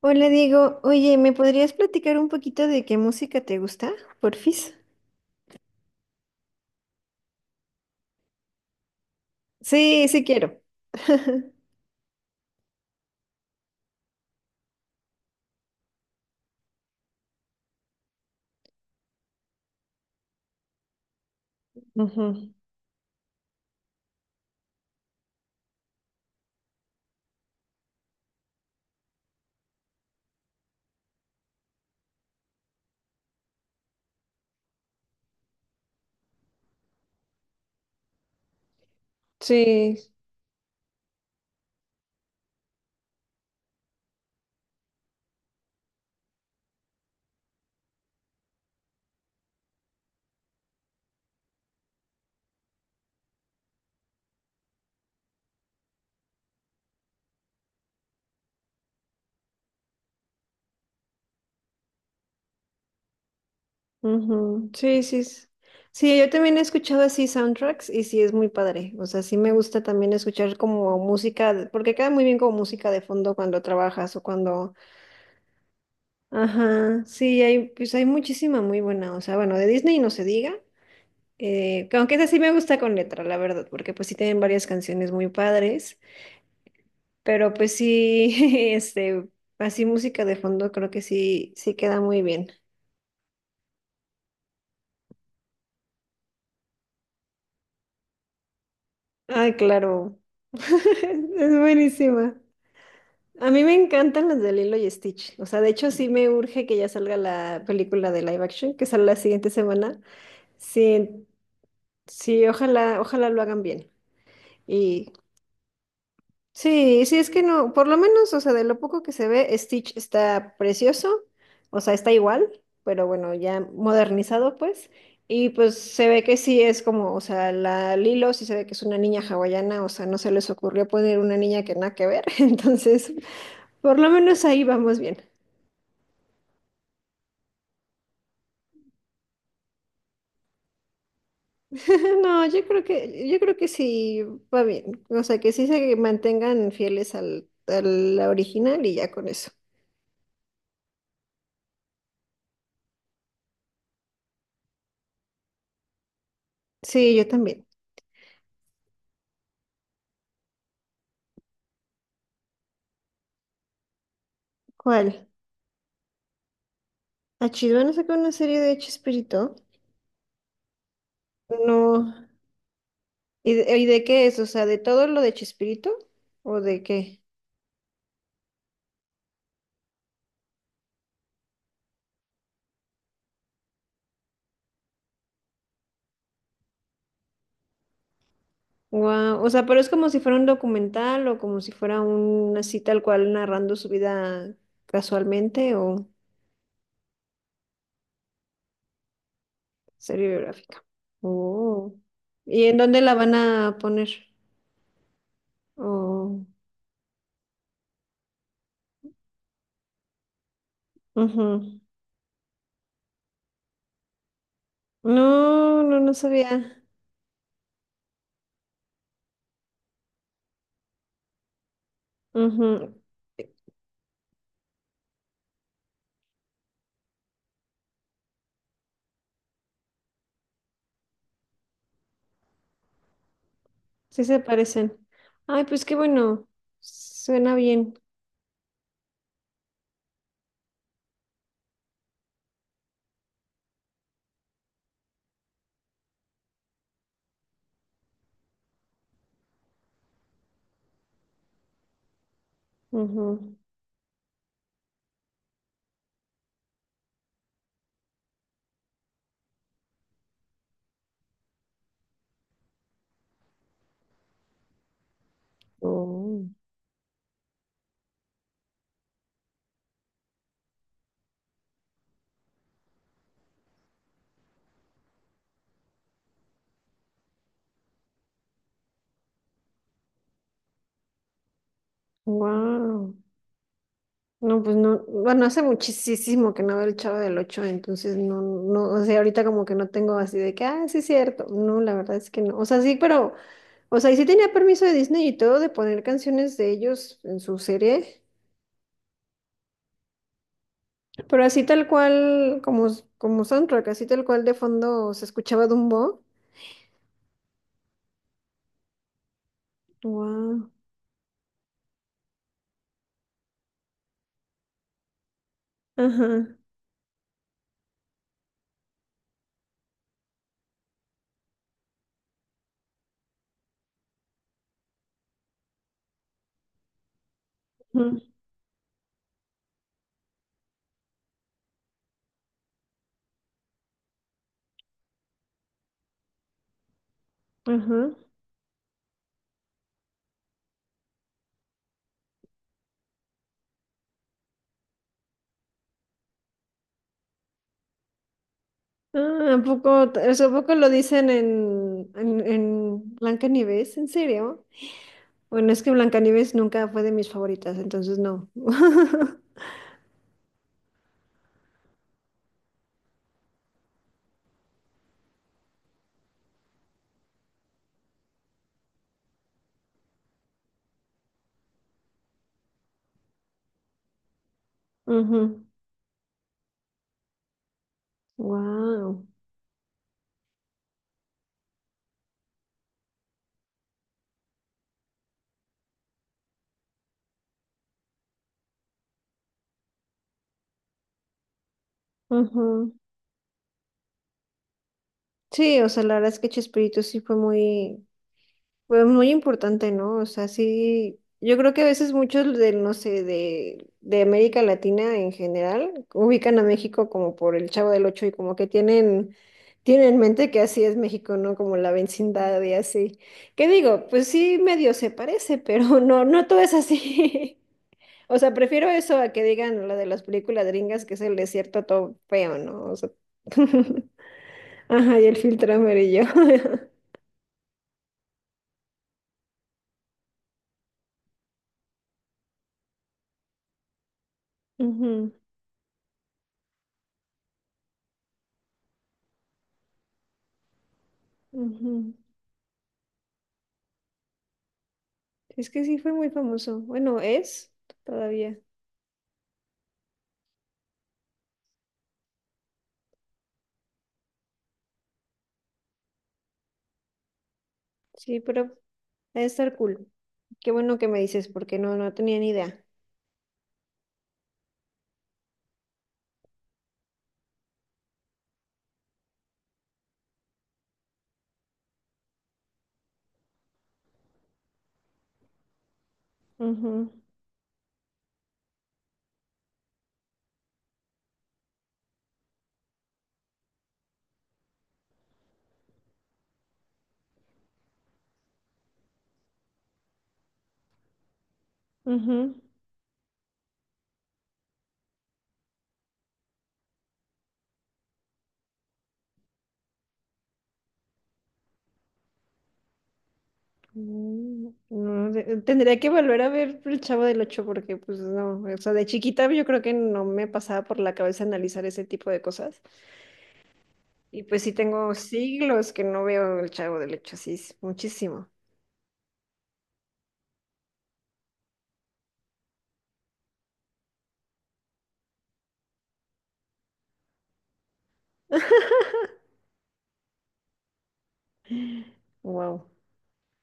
Hola Diego, oye, ¿me podrías platicar un poquito de qué música te gusta, porfis? Sí, sí quiero. Ujú, sí. Ujú. Sí, sí. Sí, yo también he escuchado así soundtracks y sí es muy padre. O sea, sí me gusta también escuchar como música, porque queda muy bien como música de fondo cuando trabajas o cuando. Ajá, sí, hay, pues hay muchísima muy buena. O sea, bueno, de Disney no se diga. Aunque esa sí me gusta con letra, la verdad, porque pues sí tienen varias canciones muy padres. Pero pues sí, este, así música de fondo creo que sí, sí queda muy bien. Ay, claro. Es buenísima. A mí me encantan las de Lilo y Stitch. O sea, de hecho sí me urge que ya salga la película de live action, que sale la siguiente semana. Sí, sí, ojalá, ojalá lo hagan bien. Y Sí, sí, es que no, por lo menos, o sea, de lo poco que se ve, Stitch está precioso, o sea, está igual, pero bueno, ya modernizado, pues, y pues se ve que sí es como, o sea, la Lilo sí se ve que es una niña hawaiana, o sea, no se les ocurrió poner una niña que nada que ver, entonces, por lo menos ahí vamos bien. No, yo creo que sí va bien, o sea, que sí se mantengan fieles al, a la original y ya con eso. Sí, yo también. ¿Cuál? ¿A Chilvan a sacar una serie de Chespirito? No. ¿Y de qué es? O sea, ¿de todo lo de Chespirito? ¿O de qué? Wow. O sea, pero es como si fuera un documental o como si fuera un así tal cual narrando su vida casualmente o serie biográfica. Oh. ¿Y en dónde la van a poner? Oh. Ujú. No, no, no sabía. Ujú. Sí se parecen. Ay, pues qué bueno. Suena bien. Ujú. Oh, wow. No, pues no, bueno, hace muchísimo que no veo el Chavo del Ocho, entonces no, no, o sea, ahorita como que no tengo así de que, ah, sí es cierto. No, la verdad es que no. O sea, sí, pero, o sea, y sí tenía permiso de Disney y todo de poner canciones de ellos en su serie, pero así tal cual, como soundtrack, así tal cual de fondo se escuchaba Dumbo. Wow. Ajá. Ujú, ajá. Ah, ¿a poco, o sea, ¿a poco lo dicen en, Blancanieves? ¿En serio? Bueno, es que Blancanieves nunca fue de mis favoritas, entonces no. Wow. Sí, o sea, la verdad es que Chespirito sí fue muy importante, ¿no? O sea, sí, yo creo que a veces muchos del, no sé, de América Latina en general, ubican a México como por el Chavo del Ocho y como que tienen en mente que así es México, ¿no? Como la vecindad y así. ¿Qué digo? Pues sí, medio se parece, pero no, no todo es así. O sea, prefiero eso a que digan lo de las películas gringas, que es el desierto todo feo, ¿no? O sea, ajá, y el filtro amarillo. Ujú, ujú. Es que sí fue muy famoso. Bueno, es todavía. Sí, pero debe estar cool. Qué bueno que me dices, porque no, no tenía ni idea. Ujú, ujú. No, tendría que volver a ver El Chavo del Ocho porque pues no, o sea, de chiquita yo creo que no me pasaba por la cabeza analizar ese tipo de cosas. Y pues sí tengo siglos que no veo el Chavo del Ocho, sí, es muchísimo. Wow,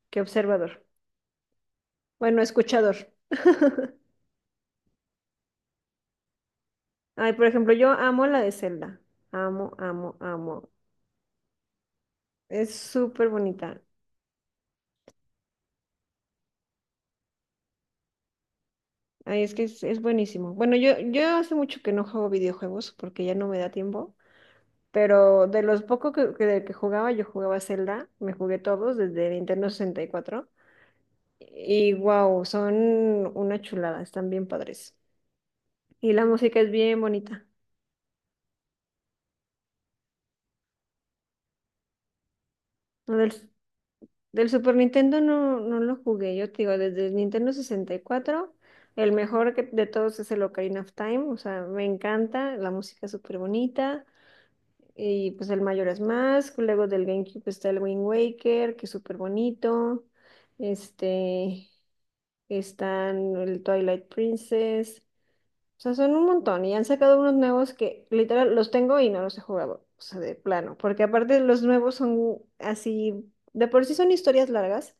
qué observador. Bueno, escuchador. Ay, por ejemplo, yo amo la de Zelda. Amo, amo, amo. Es súper bonita. Ay, es que es buenísimo. Bueno, yo hace mucho que no juego videojuegos porque ya no me da tiempo. Pero de los pocos de que jugaba, yo jugaba Zelda. Me jugué todos desde Nintendo 64. Y wow, son una chulada. Están bien padres. Y la música es bien bonita. No, del Super Nintendo no, no lo jugué, yo te digo, desde el Nintendo 64 el mejor de todos es el Ocarina of Time, o sea, me encanta, la música es súper bonita, y pues el Majora's Mask, luego del GameCube está el Wind Waker, que es súper bonito, este, están el Twilight Princess. O sea, son un montón y han sacado unos nuevos que literal los tengo y no los he jugado, o sea, de plano, porque aparte los nuevos son así, de por sí son historias largas,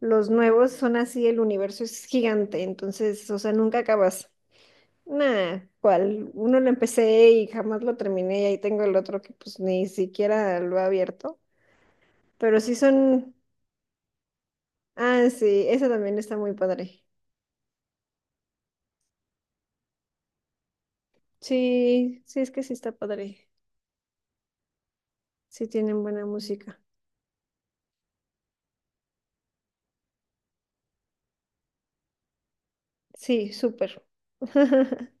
los nuevos son así, el universo es gigante, entonces, o sea, nunca acabas. Nah, cual, uno lo empecé y jamás lo terminé y ahí tengo el otro que pues ni siquiera lo he abierto, pero sí son, ah, sí, esa también está muy padre. Sí, sí, es que sí está padre, sí tienen buena música. Sí, súper.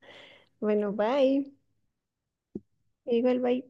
Bueno, bye. Igual, bye.